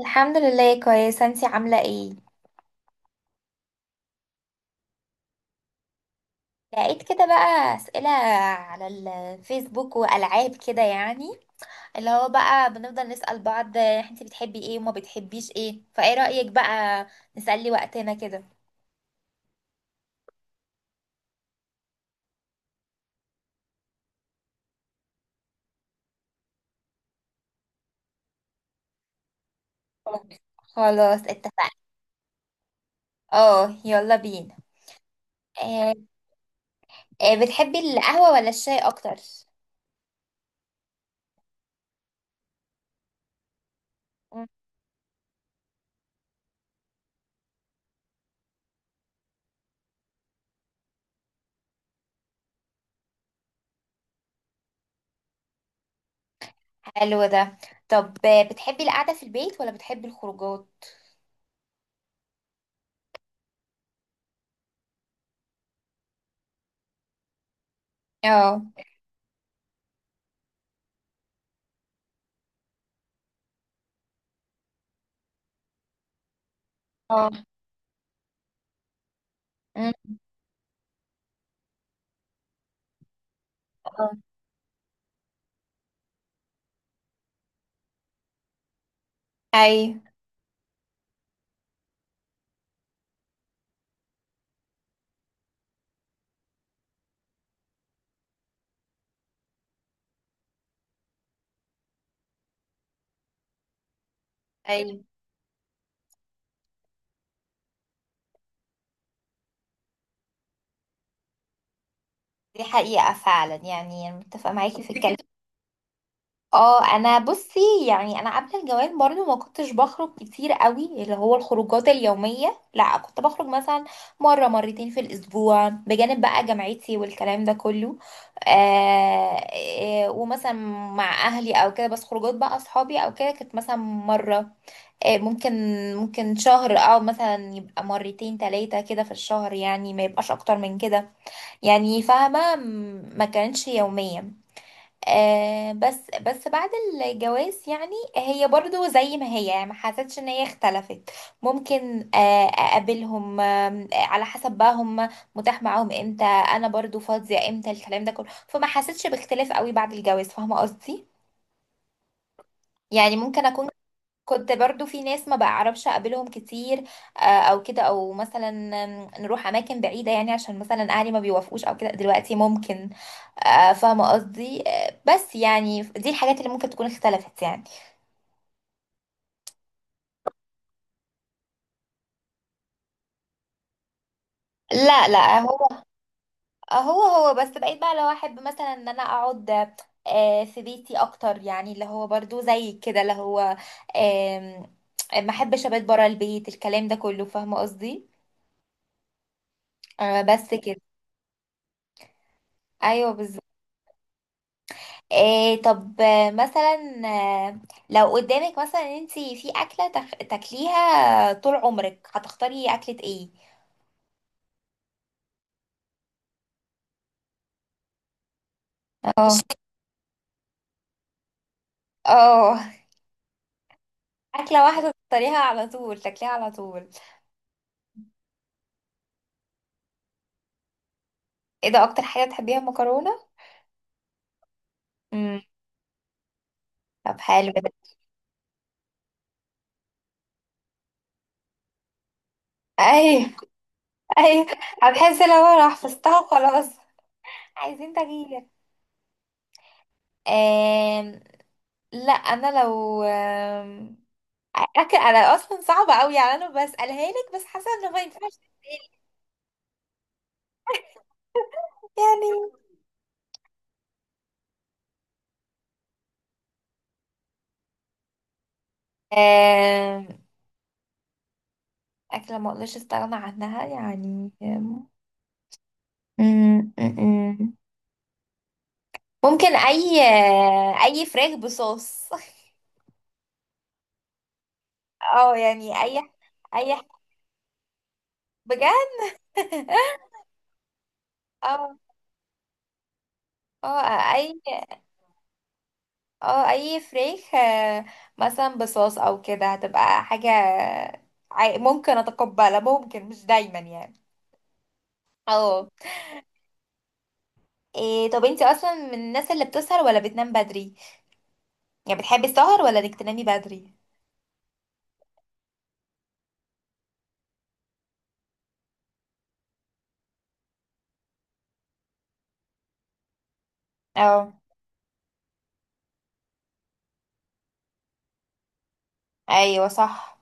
الحمد لله كويسة، انتي عاملة ايه؟ لقيت كده بقى أسئلة على الفيسبوك وألعاب كده، يعني اللي هو بقى بنفضل نسأل بعض انتي بتحبي ايه وما بتحبيش ايه، فايه رأيك بقى نسلي وقتنا كده؟ خلاص اتفقنا. اه، يلا بينا. آه بتحبي القهوة ولا الشاي أكتر؟ مم. حلو ده. طب بتحبي القعدة في البيت ولا بتحبي الخروجات؟ اه. اه. مم. اه. ايوه. ايوه، دي حقيقة فعلا، يعني أنا متفقة معاكي في الكلام. اه، انا بصي، يعني انا قبل الجواز برضو ما كنتش بخرج كتير قوي، اللي هو الخروجات اليومية، لا كنت بخرج مثلا مرة مرتين في الاسبوع بجانب بقى جامعتي والكلام ده كله. آه ومثلا مع اهلي او كده، بس خروجات بقى اصحابي او كده كانت مثلا مرة، ممكن ممكن شهر، او مثلا يبقى مرتين تلاتة كده في الشهر، يعني ما يبقاش اكتر من كده، يعني فاهمة ما كانتش يومية. بس بعد الجواز، يعني هي برضو زي ما هي، يعني ما حسيتش ان هي اختلفت. ممكن اقابلهم، على حسب بقى هم متاح معاهم امتى، انا برضو فاضية امتى، الكلام ده كله، فما حسيتش باختلاف قوي بعد الجواز، فاهمة قصدي؟ يعني ممكن اكون كنت برضو في ناس ما بعرفش اقابلهم كتير، او كده، او مثلا نروح اماكن بعيده، يعني عشان مثلا اهلي ما بيوافقوش او كده، دلوقتي ممكن. فاهمه قصدي. بس يعني دي الحاجات اللي ممكن تكون اختلفت يعني. لا لا، هو بس بقيت بقى لو احب مثلا ان انا اقعد في بيتي اكتر، يعني اللي هو برضو زي كده، اللي هو آم، ما احبش ابات برا البيت الكلام ده كله، فاهمه قصدي؟ بس كده. ايوه بالظبط. إيه طب مثلا لو قدامك مثلا انت في اكله تاكليها طول عمرك، هتختاري اكله ايه؟ اه. اه. اكله واحده تختاريها على طول تاكليها على طول؟ ايه ده، اكتر حاجه تحبيها المكرونه؟ امم. طب حلو ده. ايوه. ايوه، هتحسي لو انا حفظتها خلاص عايزين تغيير. آم... لا انا لو اكل، انا اصلا صعبه قوي، يعني انا بسالها لك بس حاسه انه ما ينفعش تتقال. يعني آه، أكلة ما أقدرش أستغنى عنها، يعني آم، أم، أم، أم. ممكن أي فراخ بصوص اه يعني أي بجد اه. اه. أي. اه، أي فراخ، مثلا بصوص أو كده، هتبقى حاجة ممكن أتقبلها ممكن، مش دايما يعني. اه. إيه طب انتي اصلا من الناس اللي بتسهر ولا بتنام بدري، يعني بتحبي السهر ولا انك تنامي بدري؟ اه. ايوه صح.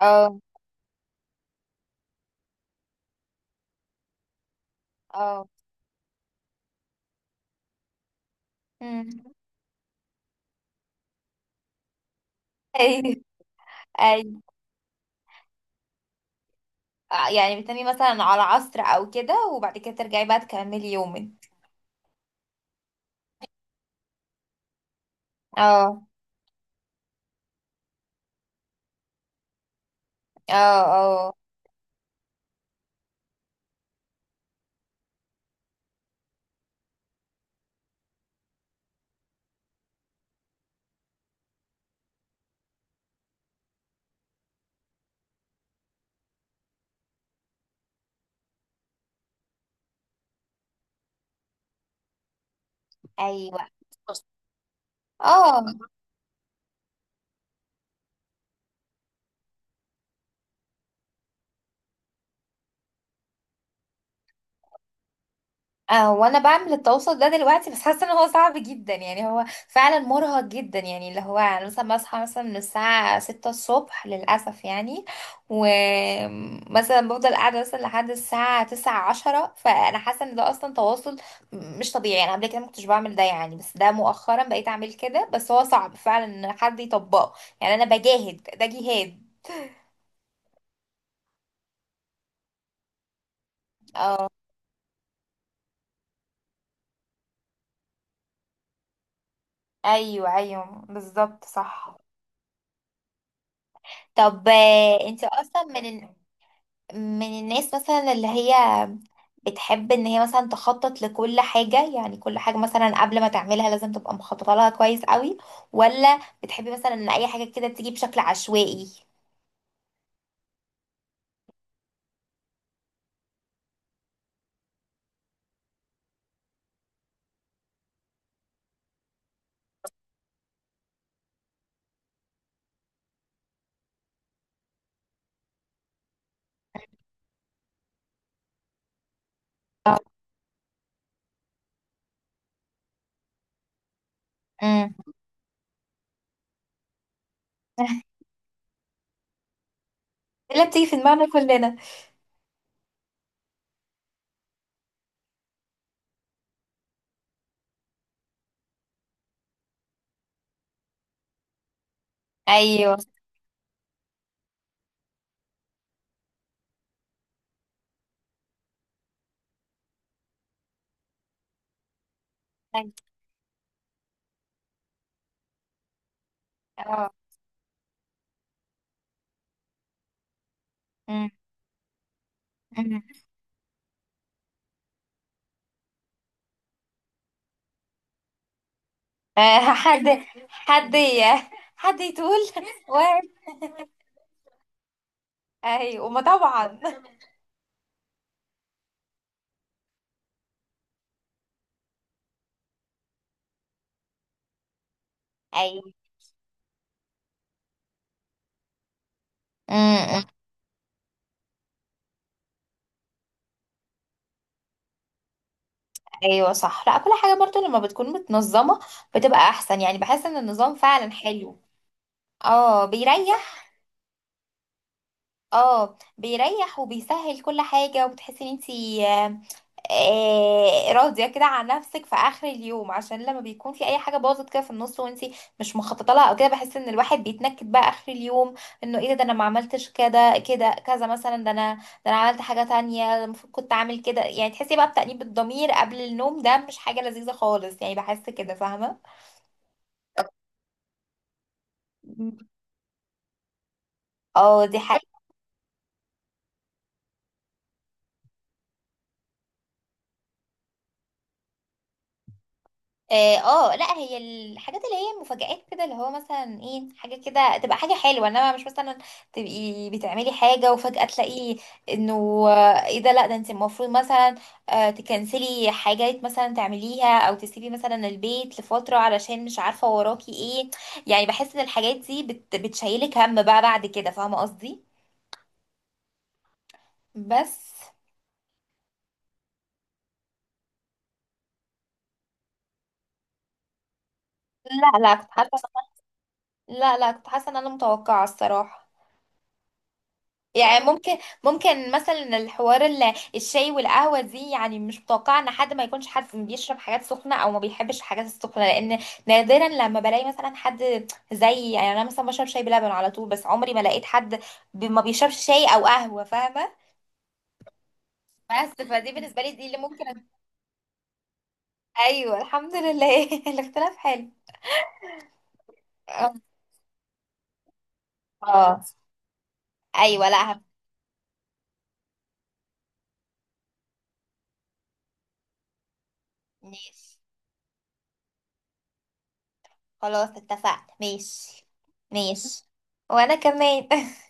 اه. اه. امم. ايوه. ايوه، يعني بتنامي مثلا على عصر او كده وبعد كده ترجعي بقى تكملي يومك؟ اه. اه. اه. ايوه. اه، وانا بعمل التواصل ده دلوقتي، بس حاسه ان هو صعب جدا يعني، هو فعلا مرهق جدا يعني، اللي هو انا مثلا بصحى مثلا من الساعه 6 الصبح للاسف يعني، ومثلا بفضل قاعده مثلا لحد الساعه 9 10، فانا حاسه ان ده اصلا تواصل مش طبيعي، انا قبل كده ما كنتش بعمل ده يعني، بس ده مؤخرا بقيت اعمل كده، بس هو صعب فعلا ان حد يطبقه، يعني انا بجاهد ده جهاد. اه. ايوه ايوه بالظبط، صح. طب انت اصلا من الناس مثلا اللي هي بتحب ان هي مثلا تخطط لكل حاجة، يعني كل حاجة مثلا قبل ما تعملها لازم تبقى مخططة لها كويس قوي، ولا بتحبي مثلا ان اي حاجة كده تيجي بشكل عشوائي؟ امم. اللي بتيجي في دماغنا كلنا. ايوه. اه. أمم. أمم. حد حد ي- حد يطول و، ايوه ما طبعا. ايوه. ايوه صح، لا كل حاجه برضو لما بتكون متنظمه بتبقى احسن، يعني بحس ان النظام فعلا حلو. اه بيريح. اه بيريح وبيسهل كل حاجه، وبتحسي ان انتي راضيه كده عن نفسك في اخر اليوم، عشان لما بيكون في اي حاجه باظت كده في النص وانتي مش مخططه لها او كده، بحس ان الواحد بيتنكد بقى اخر اليوم، انه ايه ده، انا ما عملتش كده، كذا مثلا، ده انا، عملت حاجه تانية، ده المفروض كنت اعمل كده، يعني تحسي بقى بتأنيب الضمير قبل النوم، ده مش حاجه لذيذه خالص يعني، بحس كده فاهمه. اه دي حاجه. اه، لا هي الحاجات اللي هي المفاجآت كده، اللي هو مثلا ايه، حاجة كده تبقى حاجة حلوة، انما مش مثلا تبقي بتعملي حاجة وفجأة تلاقي انه ايه ده، لا ده انت المفروض مثلا تكنسلي حاجات مثلا تعمليها، او تسيبي مثلا البيت لفترة علشان مش عارفة وراكي ايه، يعني بحس ان الحاجات دي بتشيلك هم بقى بعد كده، فاهمة قصدي؟ بس. لا لا كنت حاسة لا لا، كنت حاسة ان انا متوقعة الصراحة. يعني ممكن مثلا الحوار الشاي والقهوة دي، يعني مش متوقعة ان حد ما يكونش حد بيشرب حاجات سخنة او ما بيحبش الحاجات السخنة، لان نادرا لما بلاقي مثلا حد زي، يعني انا مثلا بشرب شاي بلبن على طول، بس عمري ما لقيت حد ما بيشربش شاي او قهوة، فاهمة؟ بس فدي بالنسبة لي دي اللي ممكن أ- ايوه الحمد لله الاختلاف حلو. اه. آه. ايوه. لا هم-. ماشي خلاص اتفقنا. ماشي. ماشي. وانا كمان